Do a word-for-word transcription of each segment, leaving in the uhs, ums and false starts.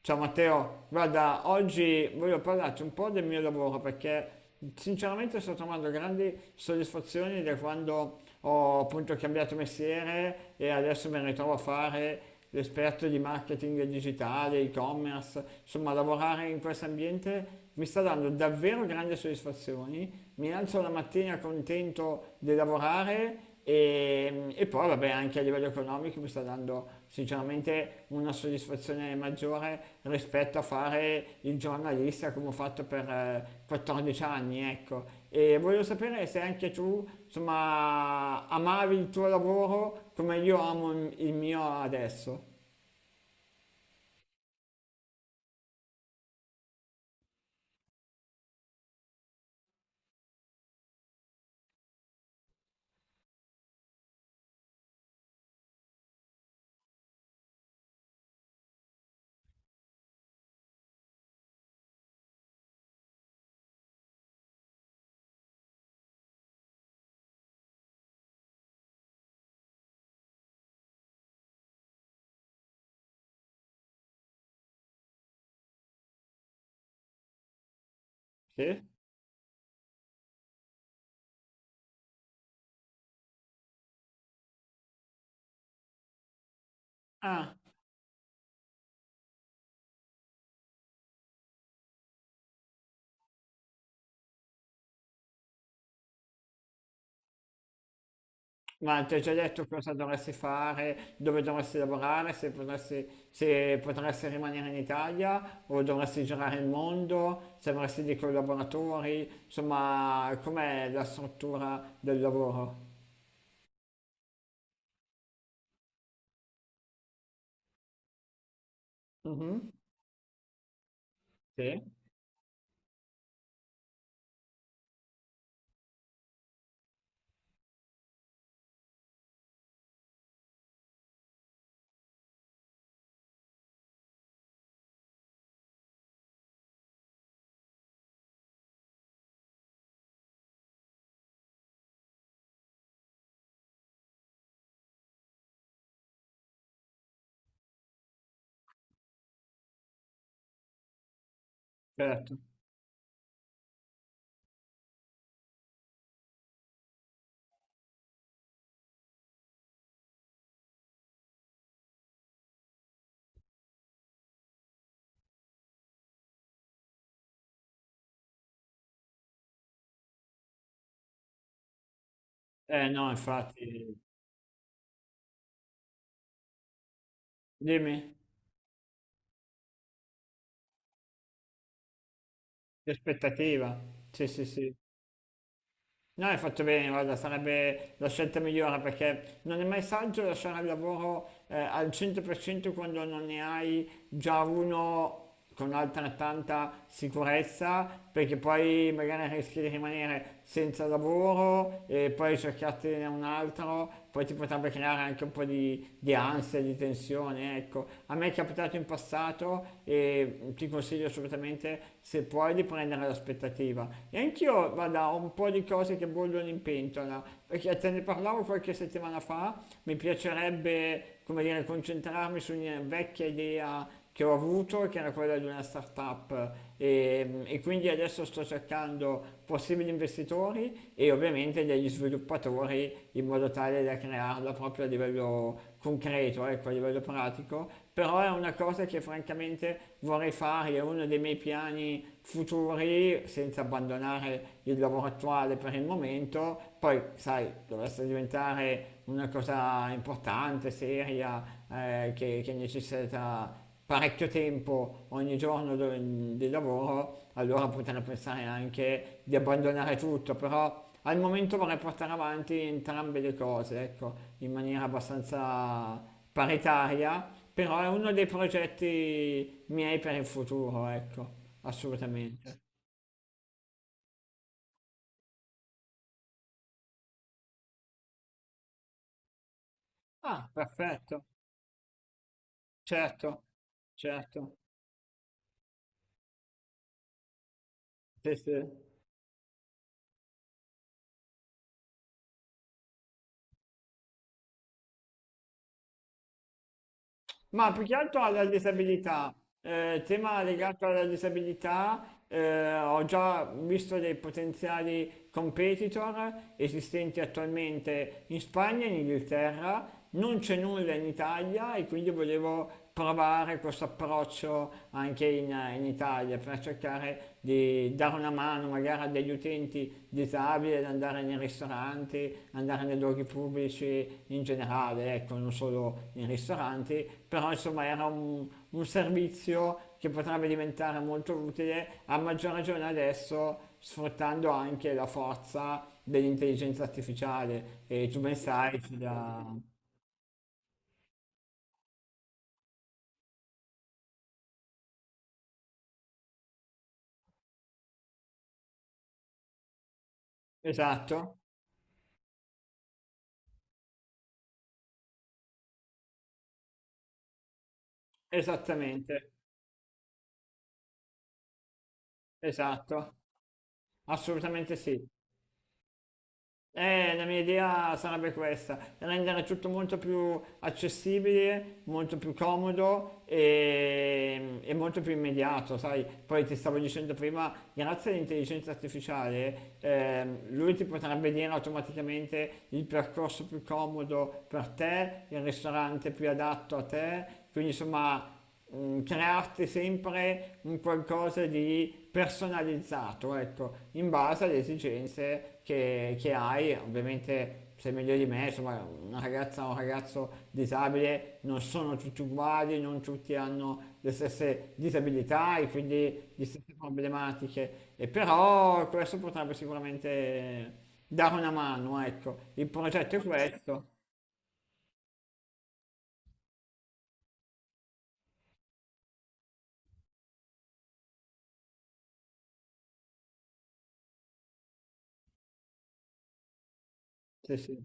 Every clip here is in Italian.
Ciao Matteo, guarda, oggi voglio parlarti un po' del mio lavoro perché sinceramente sto trovando grandi soddisfazioni da quando ho appunto cambiato mestiere e adesso mi ritrovo a fare l'esperto di marketing digitale, e-commerce, insomma lavorare in questo ambiente mi sta dando davvero grandi soddisfazioni, mi alzo la mattina contento di lavorare e, e poi, vabbè, anche a livello economico mi sta dando sinceramente una soddisfazione maggiore rispetto a fare il giornalista come ho fatto per eh, quattordici anni, ecco. E voglio sapere se anche tu, insomma, amavi il tuo lavoro come io amo il il mio adesso. Sì? Ah. Ma ti ho già detto cosa dovresti fare, dove dovresti lavorare, se potresti, se potresti rimanere in Italia o dovresti girare il mondo, se avresti dei collaboratori, insomma, com'è la struttura del lavoro? Mhm. Sì, certo. Eh no, infatti, dimmi, l'aspettativa. Sì, sì, sì. No, hai fatto bene, guarda, sarebbe la scelta migliore perché non è mai saggio lasciare il lavoro eh, al cento per cento quando non ne hai già uno con altrettanta sicurezza perché poi magari rischi di rimanere senza lavoro e poi cercate un altro, poi ti potrebbe creare anche un po' di, di ansia, di tensione, ecco. A me è capitato in passato e ti consiglio assolutamente, se puoi, di prendere l'aspettativa. E anch'io, guarda, ho un po' di cose che bollono in pentola, perché te ne parlavo qualche settimana fa, mi piace piacerebbe, come dire, concentrarmi su una vecchia idea che ho avuto, che era quella di una startup e, e quindi adesso sto cercando possibili investitori e ovviamente degli sviluppatori in modo tale da crearla proprio a livello concreto, ecco, a livello pratico, però è una cosa che francamente vorrei fare, è uno dei miei piani futuri senza abbandonare il lavoro attuale per il momento, poi sai, dovesse diventare una cosa importante, seria, eh, che, che necessita parecchio tempo ogni giorno do- di lavoro, allora potrei pensare anche di abbandonare tutto, però al momento vorrei portare avanti entrambe le cose, ecco, in maniera abbastanza paritaria, però è uno dei progetti miei per il futuro, ecco. Assolutamente. Ah, perfetto. Certo, certo. Sì, sì. Ma più che altro alla disabilità, eh, tema legato alla disabilità, eh, ho già visto dei potenziali competitor esistenti attualmente in Spagna e in Inghilterra, non c'è nulla in Italia e quindi volevo provare questo approccio anche in, in Italia per cercare di dare una mano magari a degli utenti disabili ad andare nei ristoranti, andare nei luoghi pubblici in generale, ecco, non solo nei ristoranti, però insomma era un, un servizio che potrebbe diventare molto utile, a maggior ragione adesso sfruttando anche la forza dell'intelligenza artificiale e tu ben sai, c'è da... Esatto, esattamente. Esatto, assolutamente sì. Eh, la mia idea sarebbe questa, rendere tutto molto più accessibile, molto più comodo e, e molto più immediato, sai? Poi ti stavo dicendo prima, grazie all'intelligenza artificiale, ehm, lui ti potrebbe dire automaticamente il percorso più comodo per te, il ristorante più adatto a te, quindi insomma mm, crearti sempre un qualcosa di personalizzato, ecco, in base alle esigenze che, che hai, ovviamente sei meglio di me, insomma, una ragazza o un ragazzo disabile non sono tutti uguali, non tutti hanno le stesse disabilità e quindi le stesse problematiche, e però questo potrebbe sicuramente dare una mano, ecco, il progetto è questo. Sì, sì.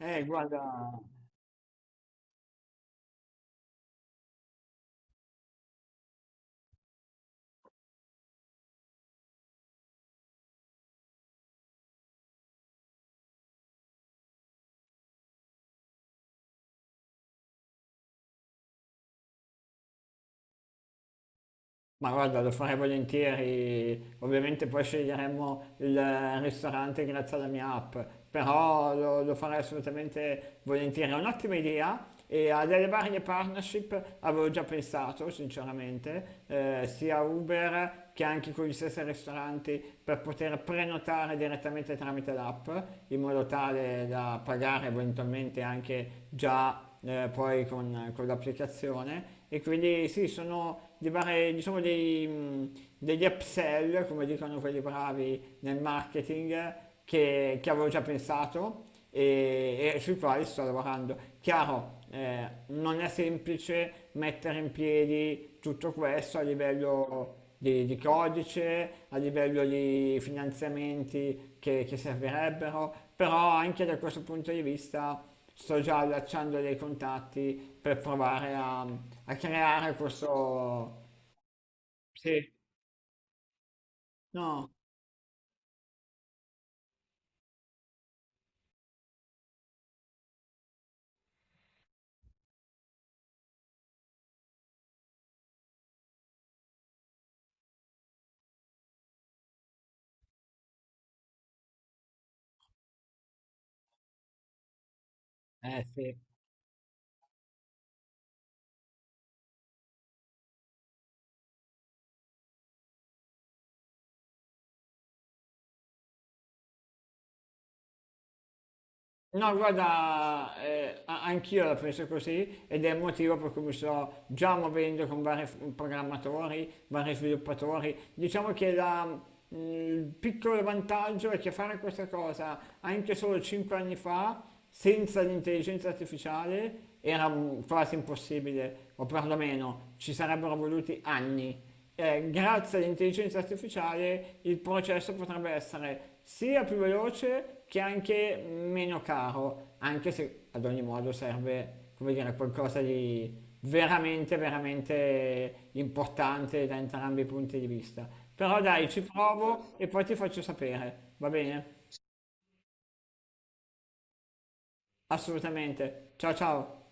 Eh, guarda. Ma guarda, lo farei volentieri, ovviamente poi sceglieremo il ristorante grazie alla mia app, però lo, lo farei assolutamente volentieri, è un'ottima idea e a delle varie partnership avevo già pensato, sinceramente, eh, sia Uber che anche con gli stessi ristoranti per poter prenotare direttamente tramite l'app, in modo tale da pagare eventualmente anche già eh, poi con, con l'applicazione. E quindi sì, sono di fare diciamo dei, mh, degli upsell, come dicono quelli bravi nel marketing, che, che avevo già pensato e, e sui quali sto lavorando. Chiaro, eh, non è semplice mettere in piedi tutto questo a livello di, di codice, a livello di finanziamenti che, che servirebbero, però anche da questo punto di vista sto già allacciando dei contatti per provare a, a creare questo... Sì. No, eh sì. No, guarda, eh, a- anch'io la penso così ed è il motivo per cui mi sto già muovendo con vari f- programmatori, vari sviluppatori. Diciamo che la- mm, il piccolo vantaggio è che fare questa cosa anche solo cinque anni fa, senza l'intelligenza artificiale, era mm, quasi impossibile, o perlomeno ci sarebbero voluti anni eh, grazie all'intelligenza artificiale il processo potrebbe essere sia più veloce che anche meno caro, anche se ad ogni modo serve, come dire, qualcosa di veramente, veramente importante da entrambi i punti di vista. Però dai, ci provo e poi ti faccio sapere, va bene? Assolutamente. Ciao ciao.